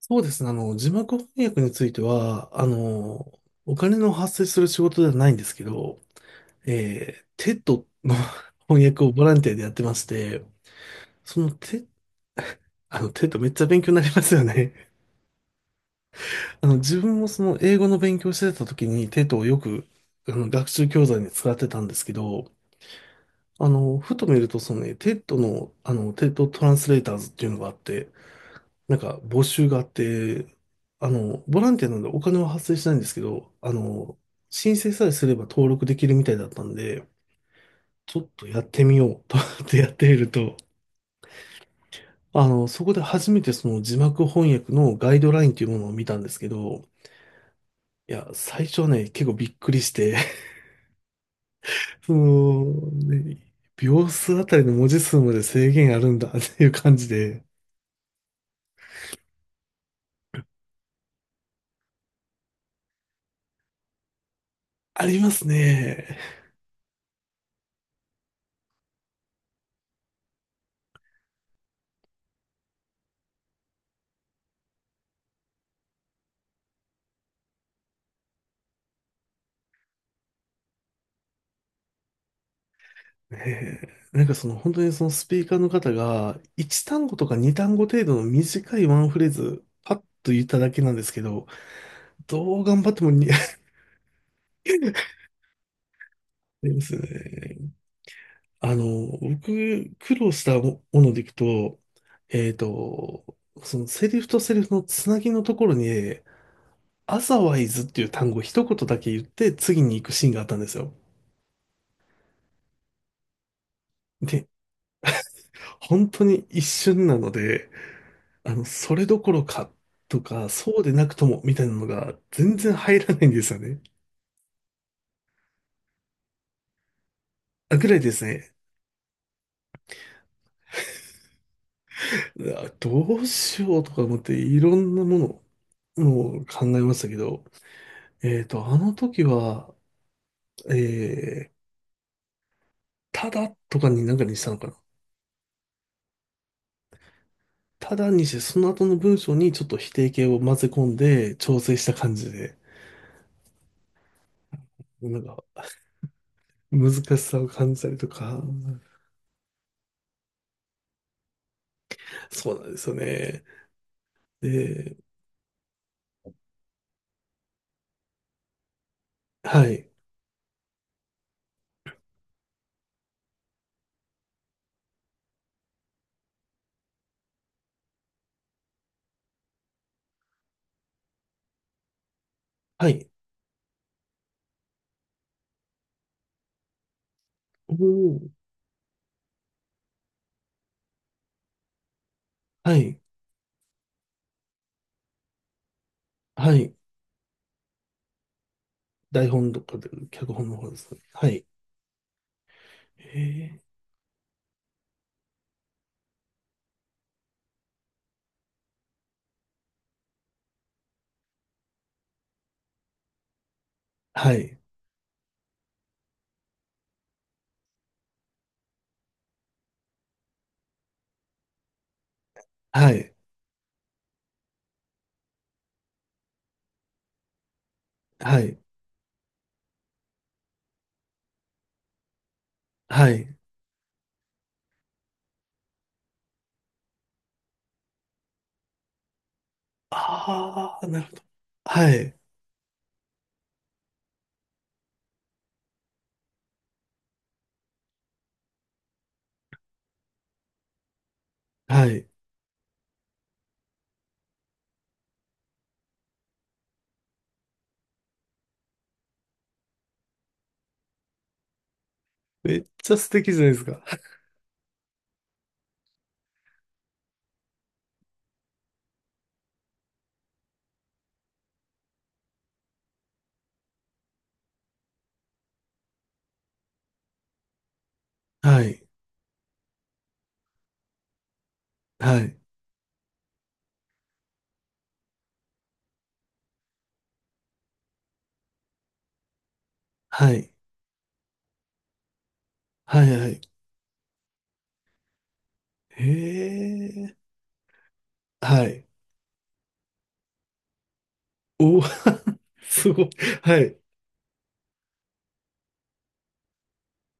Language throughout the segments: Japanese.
そうですね。字幕翻訳については、お金の発生する仕事ではないんですけど、テッドの 翻訳をボランティアでやってまして、そのテ、あの、テッドめっちゃ勉強になりますよね。自分もその英語の勉強してた時にテッドをよく、学習教材に使ってたんですけど、ふと見るとそのね、テッドの、テッドトランスレーターズっていうのがあって、なんか募集があって、ボランティアなんでお金は発生しないんですけど、申請さえすれば登録できるみたいだったんで、ちょっとやってみよう と思ってやってみると、そこで初めてその字幕翻訳のガイドラインというものを見たんですけど、いや、最初はね、結構びっくりして、その、ね、秒数あたりの文字数まで制限あるんだっていう感じで、ありますね。ええ、なんかその本当にそのスピーカーの方が1単語とか2単語程度の短いワンフレーズパッと言っただけなんですけど、どう頑張ってもありますよね。僕苦労したものでいくと、えっと、そのセリフとセリフのつなぎのところに、アザワイズっていう単語を一言だけ言って次に行くシーンがあったんですよ。で、本当に一瞬なので、それどころかとか、そうでなくともみたいなのが全然入らないんですよね。あ、ぐらいですね。うわどうしようとか思っていろんなものを考えましたけど、あの時は、えー、ただとかになんかにしたのかな。ただにして、その後の文章にちょっと否定形を混ぜ込んで調整した感じで、なんか難しさを感じたりとか、そうなんですよね。で、はい。はい。おー、はい。はい。台本とかで、脚本の方ですね。はい。えー、はい。はい。はい。はい。ああ、なるほど。はい。はい。めっちゃ素敵じゃないですか。はい。はい。はい。はい。はい。へえ。はい。おー すごい。はい。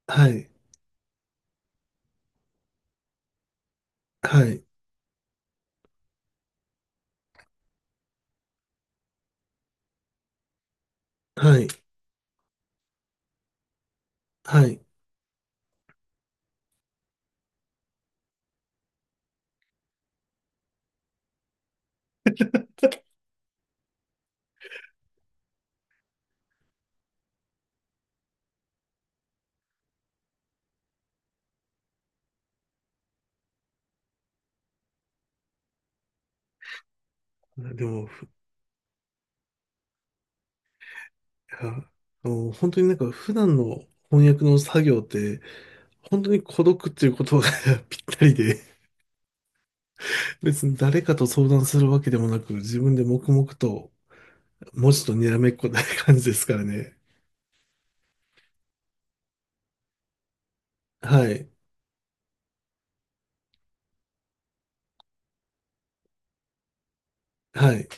はい。はい。はい。はい。でも、いや、本当になんか普段の翻訳の作業って、本当に孤独っていう言葉が ぴったりで別に誰かと相談するわけでもなく、自分で黙々と文字とにらめっこない感じですからね。はい。はい。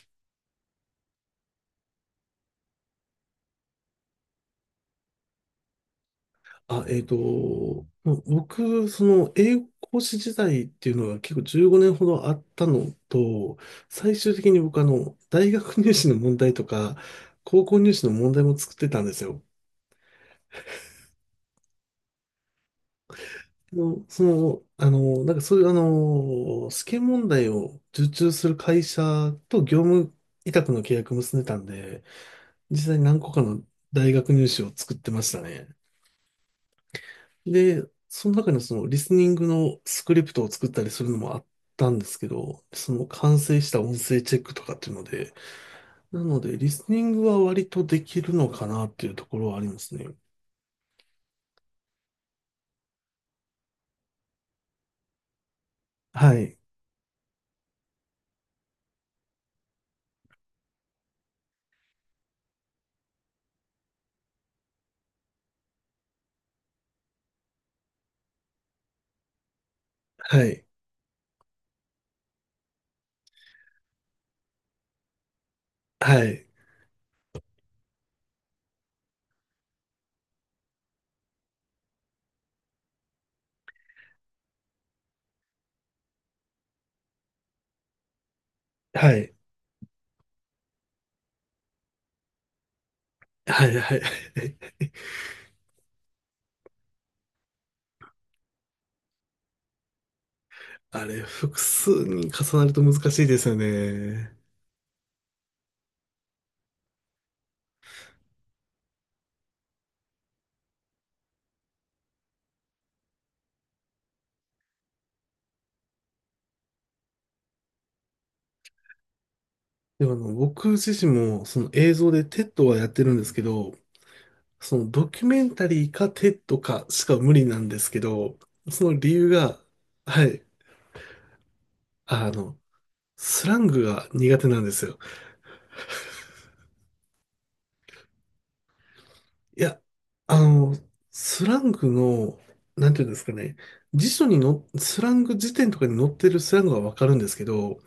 あ、もう僕、その英語講師時代っていうのが結構15年ほどあったのと、最終的に僕大学入試の問題とか、高校入試の問題も作ってたんですよ。の、その、あの、なんかそういう試験問題を受注する会社と業務委託の契約結んでたんで、実際に何個かの大学入試を作ってましたね。で、その中にそのリスニングのスクリプトを作ったりするのもあったんですけど、その完成した音声チェックとかっていうので、なのでリスニングは割とできるのかなっていうところはありますね。はい、はい、はい、はい、はい、はい。あれ、複数に重なると難しいですよね。でも僕自身もその映像で TED はやってるんですけど、そのドキュメンタリーかテッドかしか無理なんですけど、その理由が、はい、あの、スラングが苦手なんですよ。いや、あの、スラングの、なんていうんですかね、辞書にの、スラング辞典とかに載ってるスラングはわかるんですけど、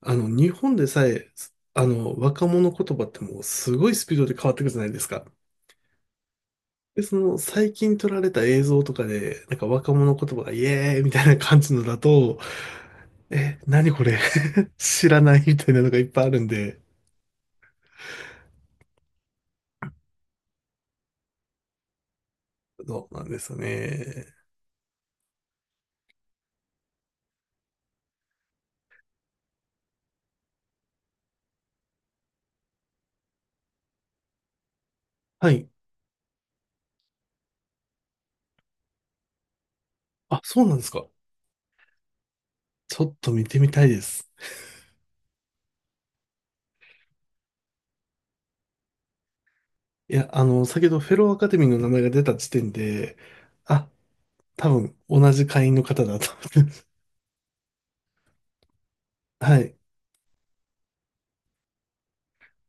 日本でさえ、若者言葉ってもうすごいスピードで変わってくるじゃないですか。で、その最近撮られた映像とかで、なんか若者言葉がイエーイみたいな感じのだと、え、何これ知らないみたいなのがいっぱいあるんで、そうなんですよね。はい。あ、そうなんですか。ちょっと見てみたいです。いや、先ほどフェローアカデミーの名前が出た時点で、あ、多分同じ会員の方だと思って。はい。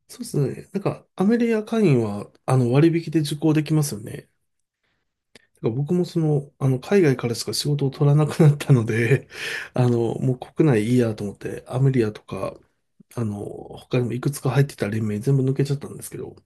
そうですね。なんか、アメリア会員は、割引で受講できますよね。だから僕もその、海外からしか仕事を取らなくなったので、もう国内いいやと思って、アメリアとか、他にもいくつか入ってた連盟全部抜けちゃったんですけど、